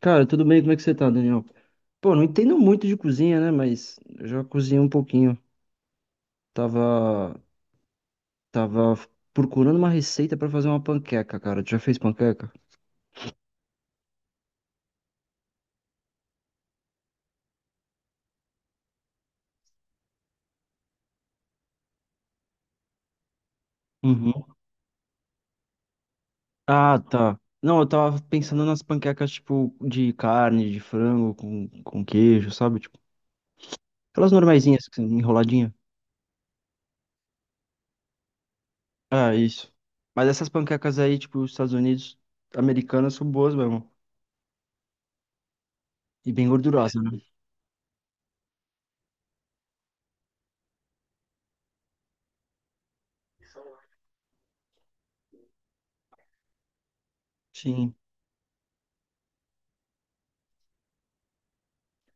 Cara, tudo bem? Como é que você tá, Daniel? Pô, não entendo muito de cozinha, né? Mas eu já cozinhei um pouquinho. Tava, tava procurando uma receita pra fazer uma panqueca, cara. Tu já fez panqueca? Uhum. Ah, tá. Não, eu tava pensando nas panquecas, tipo, de carne, de frango, com queijo, sabe? Tipo, aquelas normaizinhas, enroladinha. Ah, isso. Mas essas panquecas aí, tipo, os Estados Unidos, americanas, são boas mesmo. E bem gordurosas, né? Sim.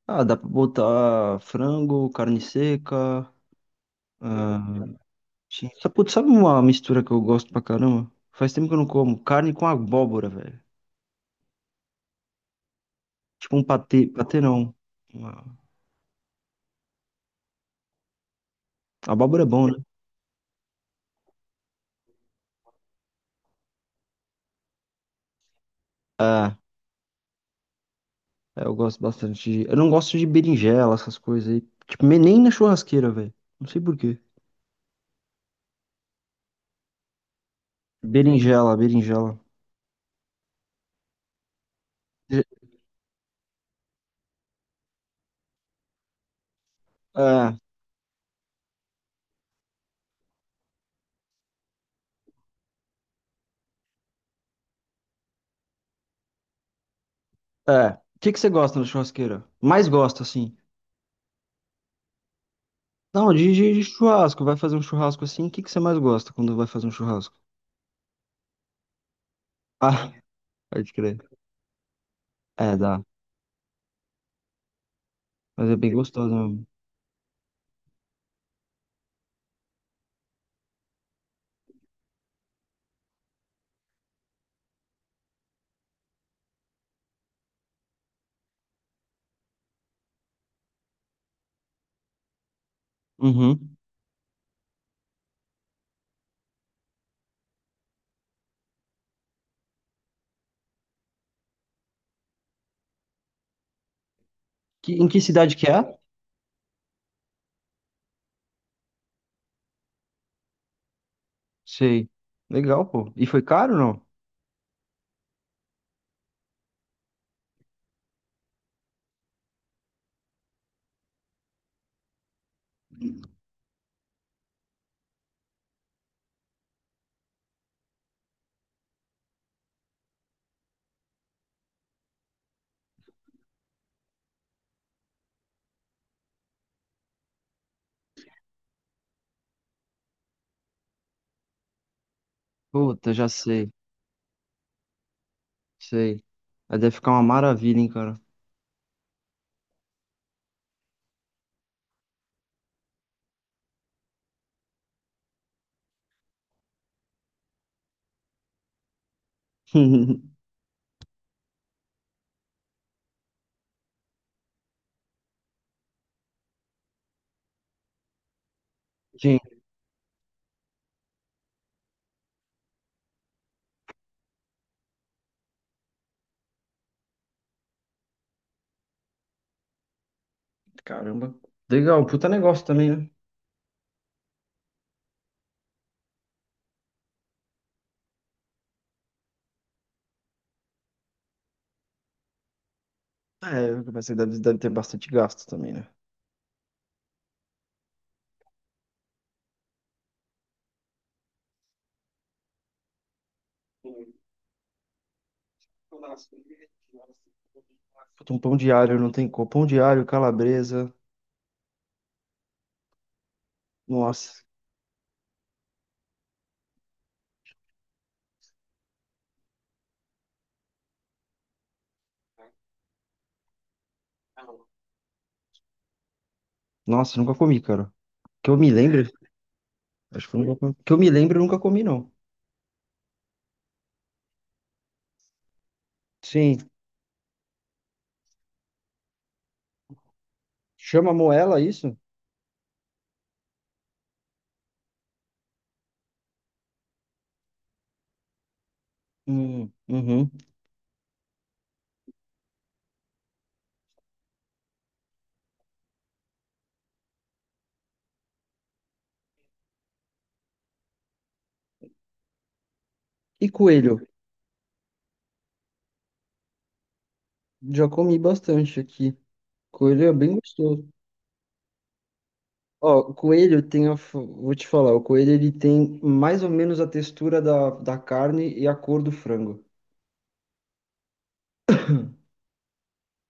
Ah, dá pra botar frango, carne seca. Ah, sim. Putz, sabe uma mistura que eu gosto pra caramba? Faz tempo que eu não como. Carne com abóbora, velho. Tipo um patê. Patê não. Uma... Abóbora é bom, né? Ah, é, eu gosto bastante. Eu não gosto de berinjela, essas coisas aí. Tipo, nem na churrasqueira, velho. Não sei por quê. Berinjela, berinjela. Je- É, é. O que que você gosta na churrasqueira? Mais gosta, assim? Não, de churrasco. Vai fazer um churrasco assim. O que que você mais gosta quando vai fazer um churrasco? Ah, pode crer. É, dá. Mas é bem gostoso mesmo. Uhum. Que, em que cidade que é? Sei. Legal, pô. E foi caro, não? Puta, já sei. Sei. Aí deve ficar uma maravilha, hein, cara. Gente, caramba. Legal, puta negócio também, né? É, mas você deve, deve ter bastante gasto também, né? Puta, um pão diário, não tem como. Pão diário, calabresa. Nossa. Nossa, nunca comi, cara. Que eu me lembre. Acho que eu nunca comi. Que eu me lembro, eu nunca comi, não. Sim. Chama moela isso? Uhum. E coelho? Já comi bastante aqui. Coelho é bem gostoso. Ó, o coelho tem a... Vou te falar, o coelho ele tem mais ou menos a textura da, da carne e a cor do frango.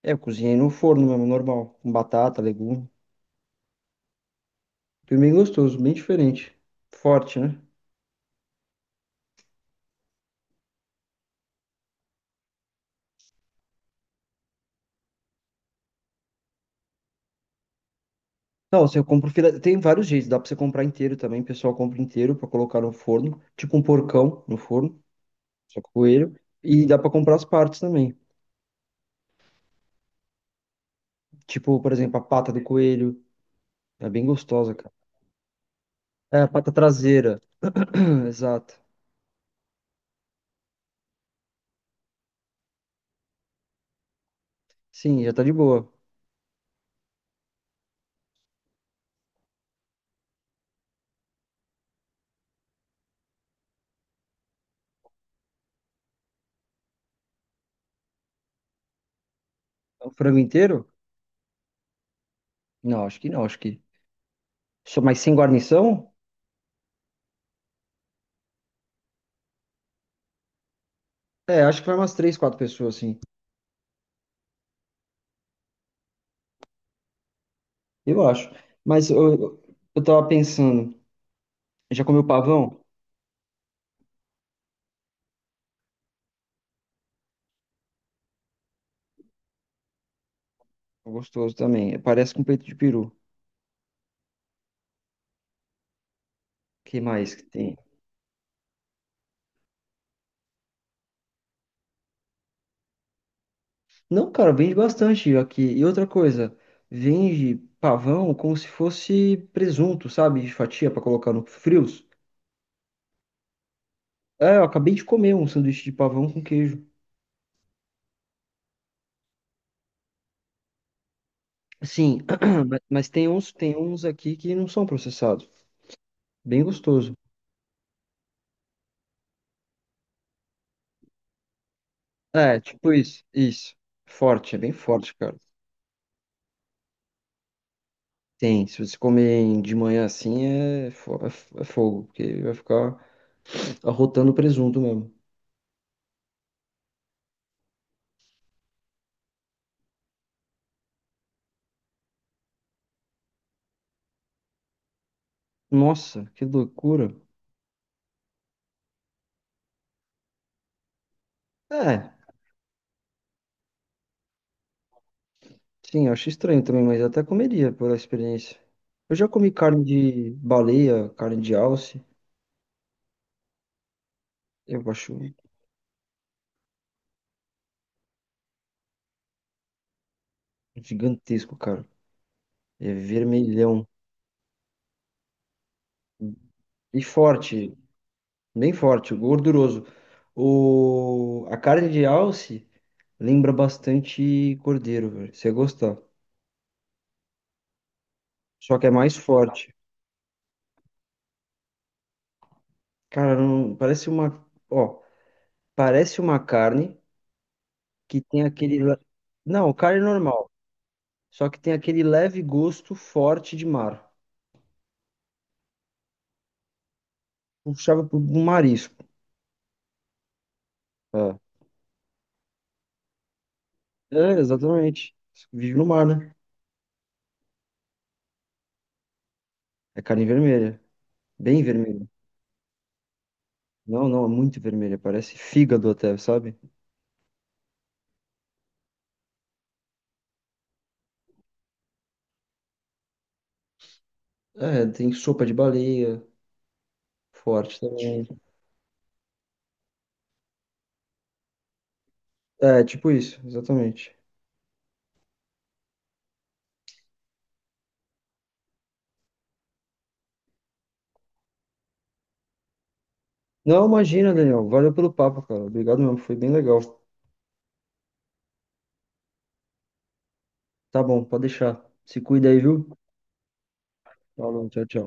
É, eu cozinhei no forno mesmo, normal. Com batata, legume. Foi bem gostoso, bem diferente. Forte, né? Não, assim, eu compro filé... Tem vários jeitos, dá pra você comprar inteiro também. O pessoal compra inteiro pra colocar no forno. Tipo um porcão no forno, só com coelho. E dá pra comprar as partes também. Tipo, por exemplo, a pata do coelho é bem gostosa, cara. É, a pata traseira. Exato. Sim, já tá de boa. É um frango inteiro? Não, acho que não, acho que. Só mais sem guarnição? É, acho que vai umas três, quatro pessoas, assim. Eu acho. Mas eu tava pensando, já comeu pavão? É gostoso também. Parece com peito de peru. Que mais que tem? Não, cara, vende bastante aqui. E outra coisa, vende pavão como se fosse presunto, sabe? De fatia pra colocar no frios. É, eu acabei de comer um sanduíche de pavão com queijo. Sim, mas tem uns aqui que não são processados. Bem gostoso. É, tipo isso, isso. Forte, é bem forte, cara. Tem, se você comer de manhã assim, é, é fogo, porque vai ficar arrotando presunto mesmo. Nossa, que loucura. É, sim, eu acho estranho também, mas eu até comeria pela experiência. Eu já comi carne de baleia, carne de alce. Eu acho gigantesco, cara. É vermelhão e forte. Bem forte, gorduroso. O... A carne de alce lembra bastante cordeiro, velho. Você gostar. Só que é mais forte. Cara, não... parece uma. Ó, parece uma carne que tem não, carne normal. Só que tem aquele leve gosto forte de mar. Puxava pro marisco. É, é exatamente. Vive no mar, né? É carne vermelha. Bem vermelha. Não, não, é muito vermelha. Parece fígado até, sabe? É, tem sopa de baleia. Forte também. É, tipo isso, exatamente. Não, imagina, Daniel. Valeu pelo papo, cara. Obrigado mesmo, foi bem legal. Tá bom, pode deixar. Se cuida aí, viu? Falou, tchau, tchau.